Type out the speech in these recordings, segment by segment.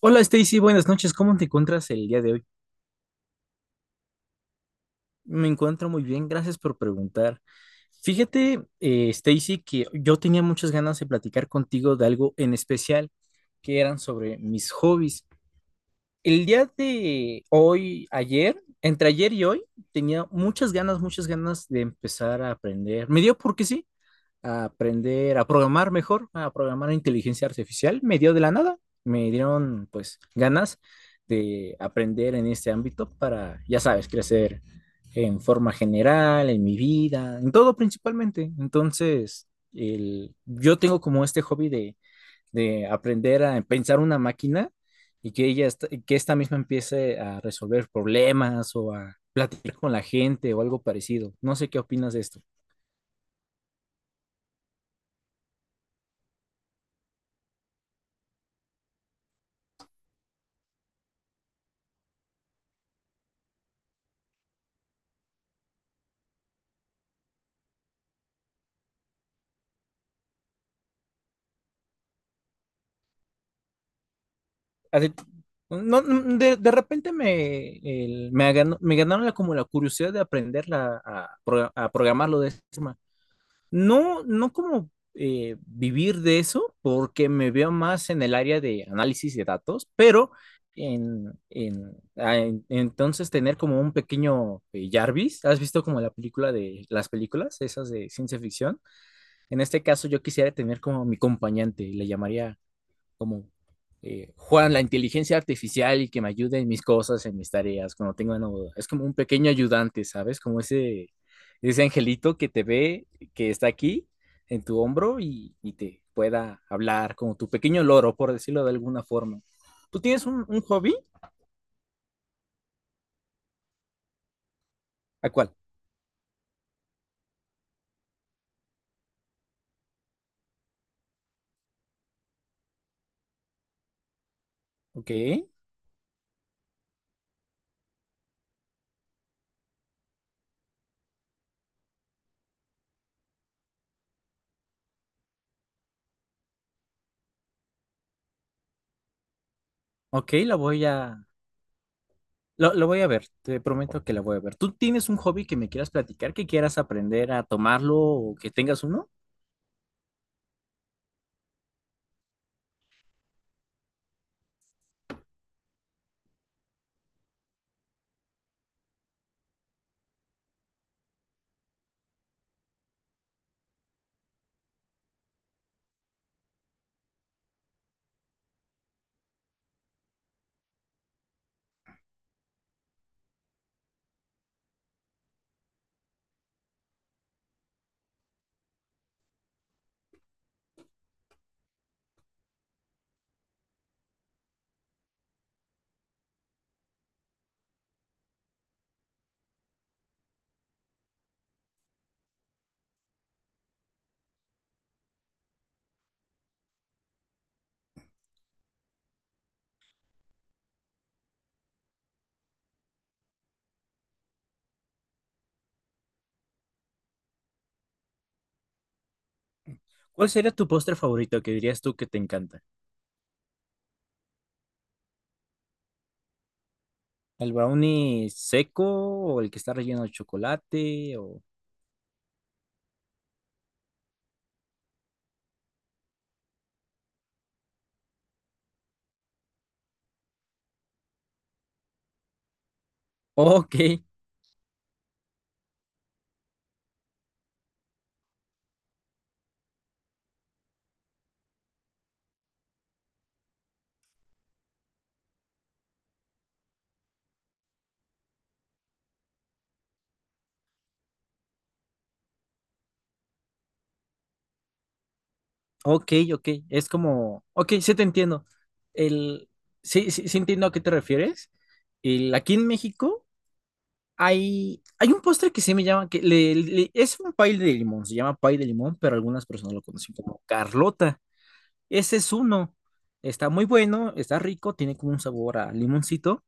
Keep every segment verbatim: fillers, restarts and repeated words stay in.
Hola Stacy, buenas noches. ¿Cómo te encuentras el día de hoy? Me encuentro muy bien, gracias por preguntar. Fíjate, eh, Stacy, que yo tenía muchas ganas de platicar contigo de algo en especial, que eran sobre mis hobbies. El día de hoy, ayer, entre ayer y hoy, tenía muchas ganas, muchas ganas de empezar a aprender. Me dio porque sí, a aprender a programar mejor, a programar inteligencia artificial. Me dio de la nada, me dieron pues ganas de aprender en este ámbito para, ya sabes, crecer en forma general, en mi vida, en todo principalmente. Entonces, el, yo tengo como este hobby de, de aprender a pensar una máquina y que ella est- que esta misma empiece a resolver problemas o a platicar con la gente o algo parecido. No sé qué opinas de esto. Así, no, no, de, de repente me, el- me, ganó- me ganaron la, como la curiosidad de aprender la- a, pro- a programarlo de esa forma. No, no como eh, vivir de eso, porque me veo más en el área de análisis de datos, pero en, en- ah, en- entonces tener como un pequeño eh, Jarvis. ¿Has visto como la película de las películas, esas de ciencia ficción? En este caso yo quisiera tener como mi acompañante, le llamaría como eh, Juan, la inteligencia artificial y que me ayude en mis cosas, en mis tareas, cuando tengo una duda. Es como un pequeño ayudante, ¿sabes? Como ese, ese angelito que te ve, que está aquí en tu hombro y, y te pueda hablar, como tu pequeño loro, por decirlo de alguna forma. ¿Tú tienes un, un hobby? ¿A cuál? Ok, ok, la voy a, lo, lo voy a ver, te prometo que la voy a ver. ¿Tú tienes un hobby que me quieras platicar, que quieras aprender a tomarlo o que tengas uno? ¿Cuál sería tu postre favorito que dirías tú que te encanta? ¿El brownie seco o el que está relleno de chocolate? O... Ok, ok, ok. Es como, ok, sí te entiendo. El... Sí, sí, sí entiendo a qué te refieres. El... Aquí en México hay... hay un postre que sí me llama, que le- le- es un pie de limón, se llama pie de limón, pero algunas personas lo conocen como Carlota. Ese es uno. Está muy bueno, está rico, tiene como un sabor a limoncito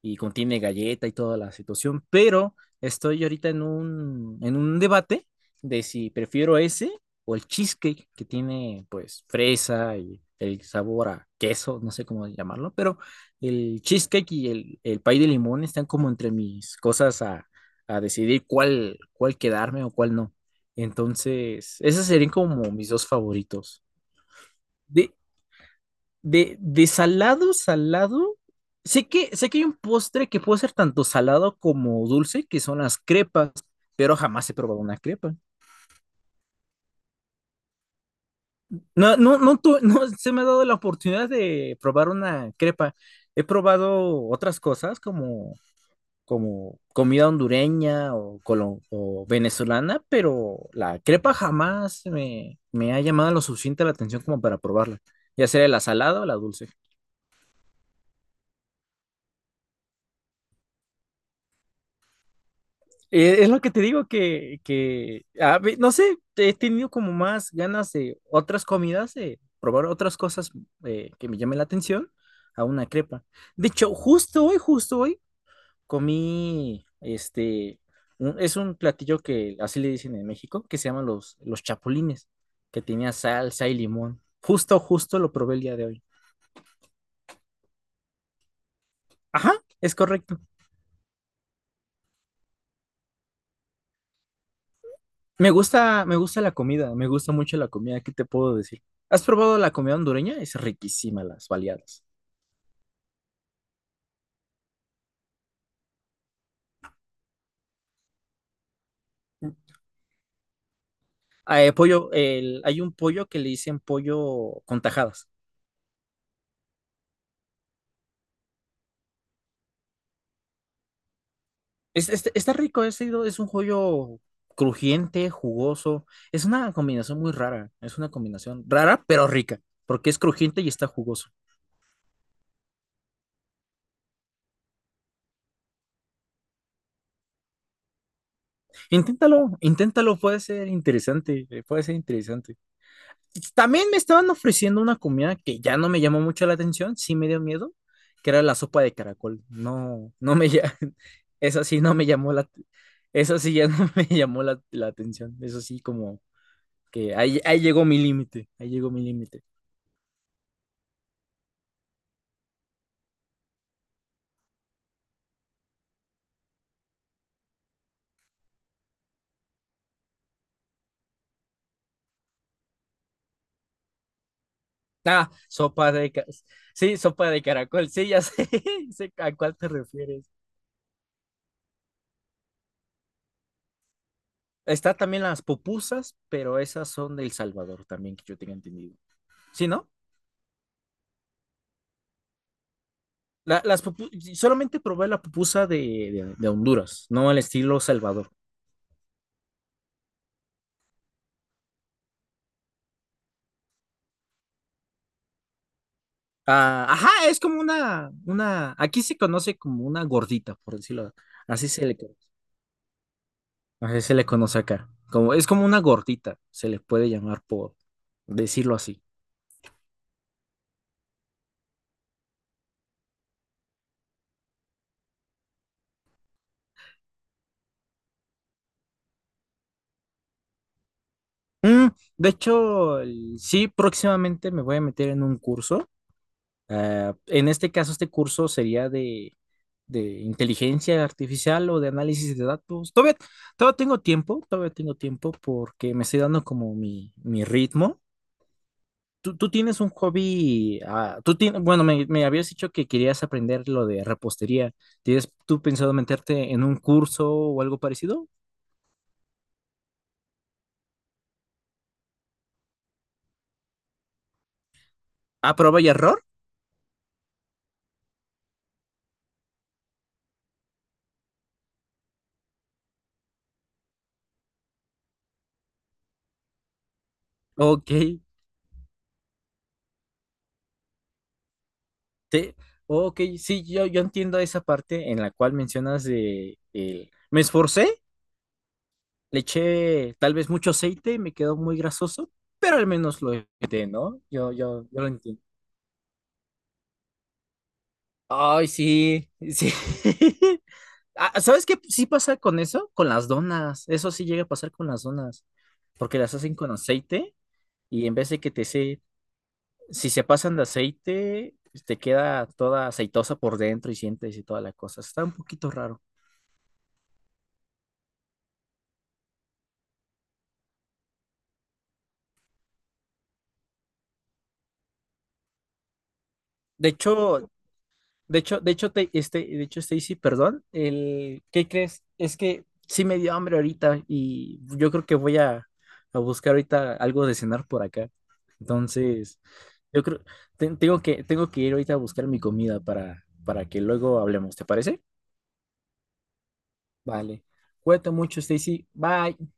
y contiene galleta y toda la situación, pero estoy ahorita en un, en un debate de si prefiero ese o el cheesecake que tiene pues fresa y el sabor a queso, no sé cómo llamarlo, pero el cheesecake y el, el pay de limón están como entre mis cosas a, a decidir cuál, cuál quedarme o cuál no. Entonces, esos serían como mis dos favoritos. De, de, de salado, salado. Sé que, sé que hay un postre que puede ser tanto salado como dulce, que son las crepas, pero jamás he probado una crepa. No, no, no, tu- no se me ha dado la oportunidad de probar una crepa. He probado otras cosas como, como comida hondureña o, colo- o venezolana, pero la crepa jamás me, me ha llamado lo suficiente la atención como para probarla, ya sea la salada o la dulce. Eh, Es lo que te digo que, que a ve- no sé, he tenido como más ganas de otras comidas, de probar otras cosas eh, que me llamen la atención a una crepa. De hecho, justo hoy, justo hoy, comí, este, un- es un platillo que así le dicen en México, que se llaman los, los chapulines, que tenía salsa y limón. Justo, justo lo probé el día de hoy. Ajá, es correcto. Me gusta, me gusta la comida, me gusta mucho la comida, ¿qué te puedo decir? ¿Has probado la comida hondureña? Es riquísima las baleadas. Ah, eh, pollo, el- hay un pollo que le dicen pollo con tajadas. Es, es- está rico, es, es un pollo crujiente, jugoso. Es una combinación muy rara, es una combinación rara pero rica, porque es crujiente y está jugoso. Inténtalo, inténtalo, puede ser interesante, eh, puede ser interesante. También me estaban ofreciendo una comida que ya no me llamó mucho la atención, sí me dio miedo, que era la sopa de caracol. No, no me ya, esa sí no me llamó la, esa sí ya no me llamó la, la atención. Eso sí como que ahí, ahí llegó mi límite, ahí llegó mi límite. Ah, sopa de, ca- sí, sopa de caracol, sí, ya sé, sé a cuál te refieres. Está también las pupusas, pero esas son del Salvador también, que yo tenga entendido. ¿Sí, no? La- las pupu- solamente probé la pupusa de, de- de Honduras, no el estilo Salvador. Ah, ajá, es como una, una, aquí se conoce como una gordita, por decirlo. Así se le, Así se le conoce acá. Como, es como una gordita, se le puede llamar por decirlo así. Mm, de hecho, el- sí, próximamente me voy a meter en un curso. Ah, en este caso, este curso sería de de inteligencia artificial o de análisis de datos. Todavía, todavía tengo tiempo, todavía tengo tiempo porque me estoy dando como mi, mi ritmo. Tú, tú tienes un hobby, ah, tú tienes, bueno, me, me habías dicho que querías aprender lo de repostería. ¿Tienes tú pensado meterte en un curso o algo parecido? ¿A prueba y error? Ok, te, ok, sí, yo, yo entiendo esa parte en la cual mencionas de, el- me esforcé le eché tal vez mucho aceite y me quedó muy grasoso, pero al menos lo intenté ¿no? Yo, yo, yo lo entiendo. Ay, sí, sí. Ah, ¿Sabes qué sí pasa con eso? Con las donas. Eso sí llega a pasar con las donas, porque las hacen con aceite y en vez de que te se, si se pasan de aceite, te queda toda aceitosa por dentro y sientes y toda la cosa. Está un poquito raro. De hecho, De hecho, de hecho, te- este, de hecho, Stacy, perdón, el, ¿qué crees? Es que sí me dio hambre ahorita y yo creo que voy a, a buscar ahorita algo de cenar por acá. Entonces, yo creo, te- tengo que, tengo que ir ahorita a buscar mi comida para, para que luego hablemos, ¿te parece? Vale. Cuídate mucho, Stacy. Bye.